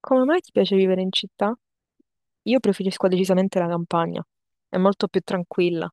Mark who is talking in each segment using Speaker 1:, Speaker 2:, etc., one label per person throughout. Speaker 1: Come mai ti piace vivere in città? Io preferisco decisamente la campagna, è molto più tranquilla.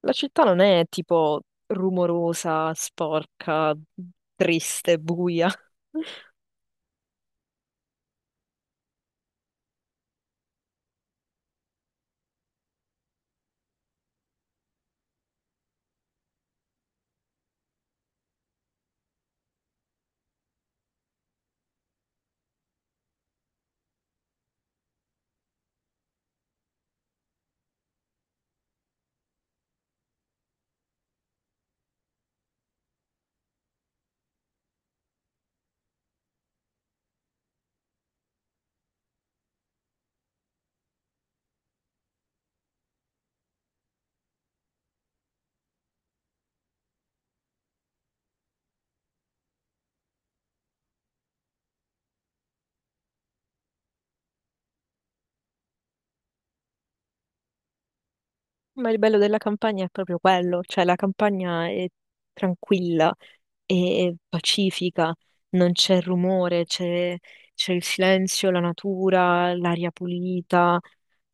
Speaker 1: La città non è tipo rumorosa, sporca, triste, buia. Ma il bello della campagna è proprio quello, cioè la campagna è tranquilla, è pacifica, non c'è rumore, c'è il silenzio, la natura, l'aria pulita,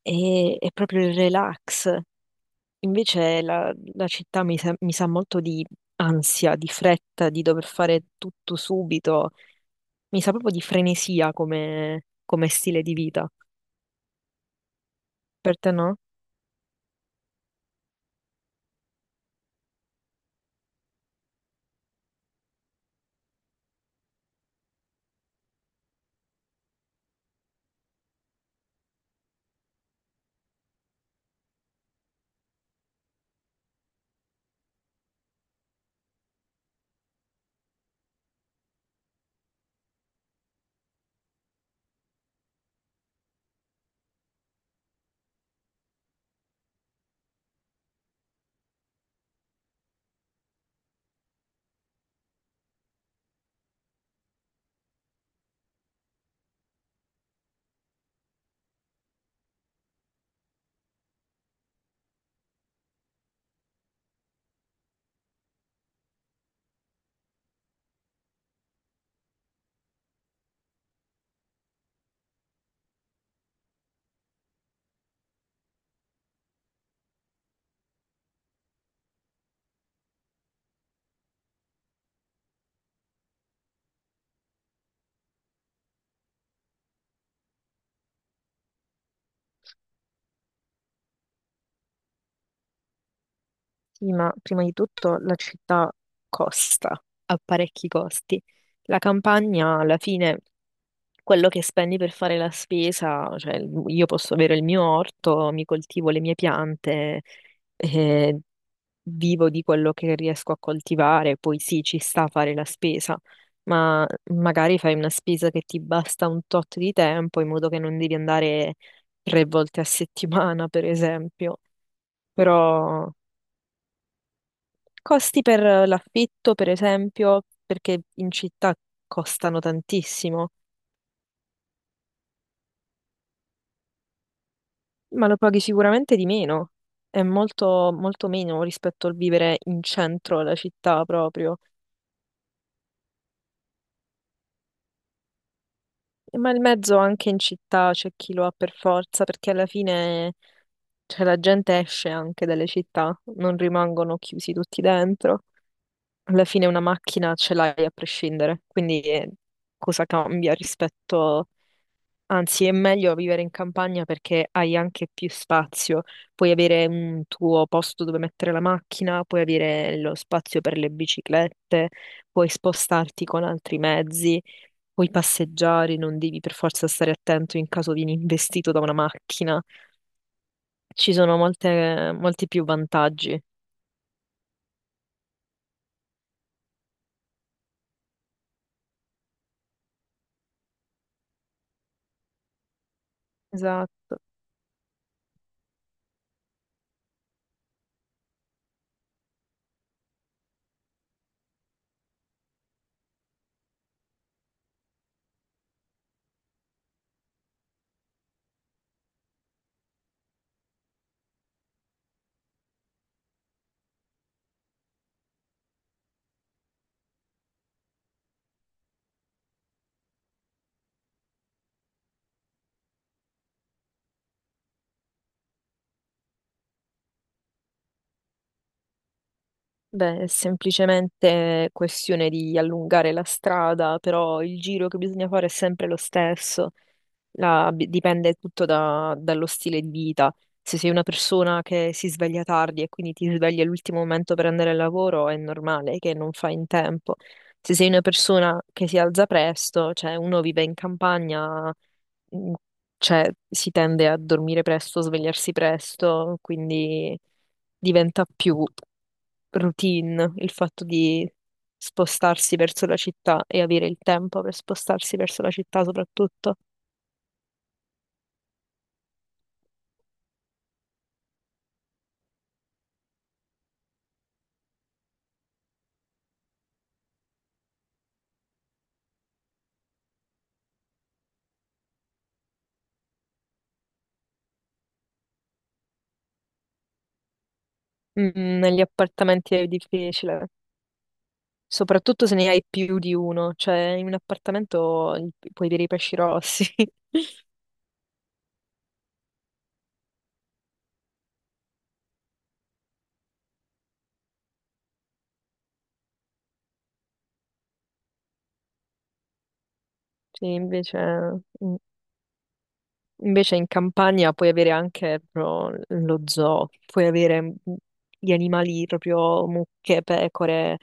Speaker 1: è proprio il relax. Invece la città mi sa molto di ansia, di fretta, di dover fare tutto subito. Mi sa proprio di frenesia come, come stile di vita. Per te no? Sì, ma prima di tutto la città costa, ha parecchi costi. La campagna, alla fine, quello che spendi per fare la spesa, cioè io posso avere il mio orto, mi coltivo le mie piante, eh, vivo di quello che riesco a coltivare, poi sì, ci sta a fare la spesa, ma magari fai una spesa che ti basta un tot di tempo in modo che non devi andare tre volte a settimana, per esempio. Però costi per l'affitto, per esempio, perché in città costano tantissimo, ma lo paghi sicuramente di meno. È molto, molto meno rispetto al vivere in centro alla città proprio. Ma il mezzo anche in città c'è chi lo ha per forza, perché alla fine, cioè, la gente esce anche dalle città, non rimangono chiusi tutti dentro. Alla fine una macchina ce l'hai a prescindere, quindi cosa cambia rispetto... Anzi, è meglio vivere in campagna perché hai anche più spazio, puoi avere un tuo posto dove mettere la macchina, puoi avere lo spazio per le biciclette, puoi spostarti con altri mezzi. Puoi passeggiare, non devi per forza stare attento in caso vieni investito da una macchina. Ci sono molti più vantaggi. Esatto. Beh, è semplicemente questione di allungare la strada, però il giro che bisogna fare è sempre lo stesso. Dipende tutto dallo stile di vita. Se sei una persona che si sveglia tardi e quindi ti svegli all'ultimo momento per andare al lavoro, è normale che non fai in tempo. Se sei una persona che si alza presto, cioè uno vive in campagna, mh, cioè si tende a dormire presto, svegliarsi presto, quindi diventa più routine il fatto di spostarsi verso la città e avere il tempo per spostarsi verso la città soprattutto. Negli appartamenti è difficile, soprattutto se ne hai più di uno, cioè in un appartamento puoi avere i pesci rossi. Sì, invece, in- invece in campagna puoi avere anche proprio lo zoo, puoi avere gli animali proprio mucche, pecore,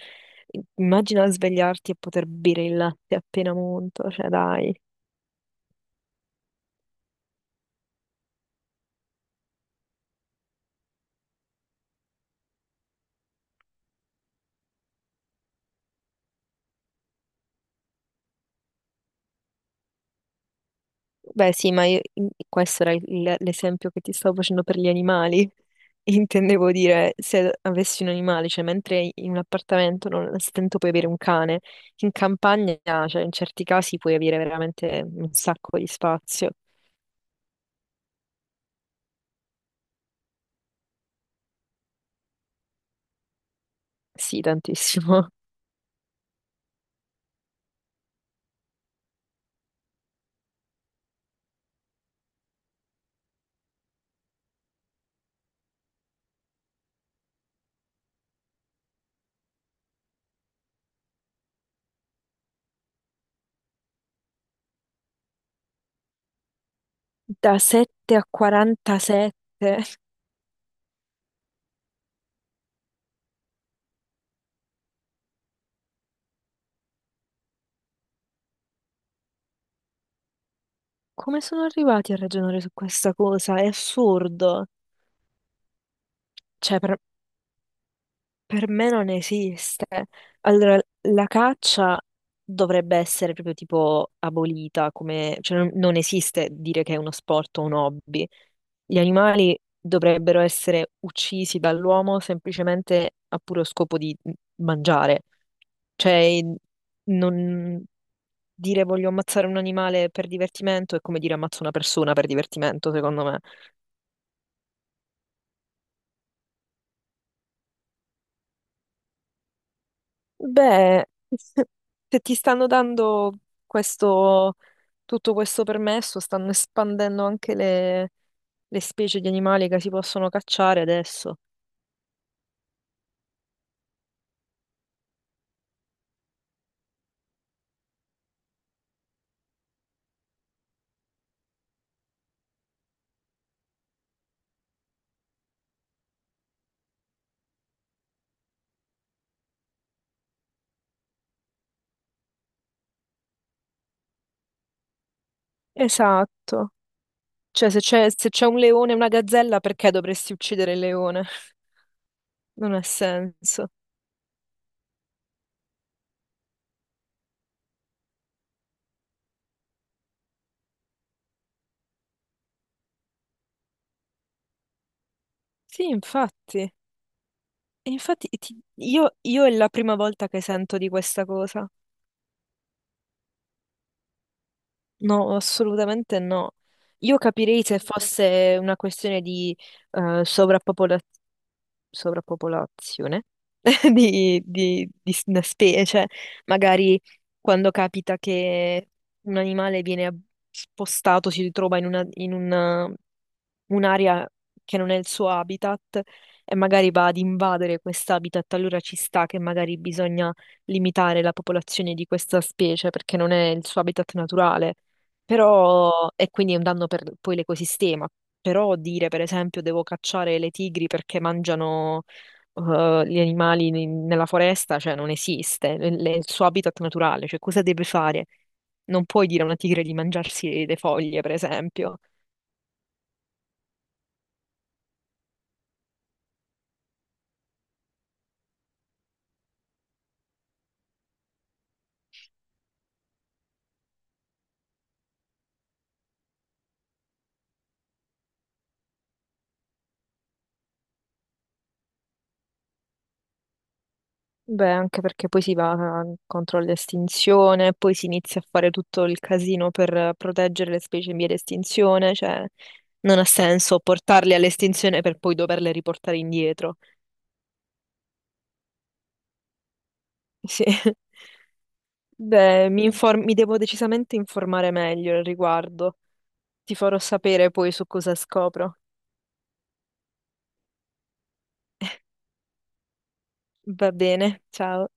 Speaker 1: immagina svegliarti e poter bere il latte appena monto, cioè dai. Beh, sì, ma questo era l'esempio che ti stavo facendo per gli animali. Intendevo dire, se avessi un animale, cioè mentre in un appartamento non al stento puoi avere un cane, in campagna, cioè in certi casi puoi avere veramente un sacco di spazio. Sì, tantissimo. Da 7 a 47. Come sono arrivati a ragionare su questa cosa? È assurdo. Cioè. Per me non esiste. Allora, la caccia dovrebbe essere proprio tipo abolita, come, cioè non esiste dire che è uno sport o un hobby. Gli animali dovrebbero essere uccisi dall'uomo semplicemente a puro scopo di mangiare. Cioè, non dire voglio ammazzare un animale per divertimento è come dire ammazzo una persona per divertimento, secondo me. Beh, se ti stanno dando questo, tutto questo permesso, stanno espandendo anche le specie di animali che si possono cacciare adesso. Esatto. Cioè, se c'è un leone e una gazzella, perché dovresti uccidere il leone? Non ha senso. Sì, infatti. E infatti io è la prima volta che sento di questa cosa. No, assolutamente no. Io capirei se fosse una questione di eh, sovrappopolazione sovrappopolazione di, una specie, magari quando capita che un animale viene spostato, si ritrova un'area che non è il suo habitat e magari va ad invadere quest'habitat, allora ci sta che magari bisogna limitare la popolazione di questa specie perché non è il suo habitat naturale. Però, e quindi è un danno per poi l'ecosistema. Però dire, per esempio, devo cacciare le tigri perché mangiano gli animali nella foresta, cioè non esiste, il suo habitat naturale, cioè cosa deve fare? Non puoi dire a una tigre di mangiarsi le foglie, per esempio. Beh, anche perché poi si va contro l'estinzione, poi si inizia a fare tutto il casino per proteggere le specie in via di estinzione, cioè non ha senso portarle all'estinzione per poi doverle riportare indietro. Sì. Beh, mi devo decisamente informare meglio al riguardo. Ti farò sapere poi su cosa scopro. Va bene, ciao.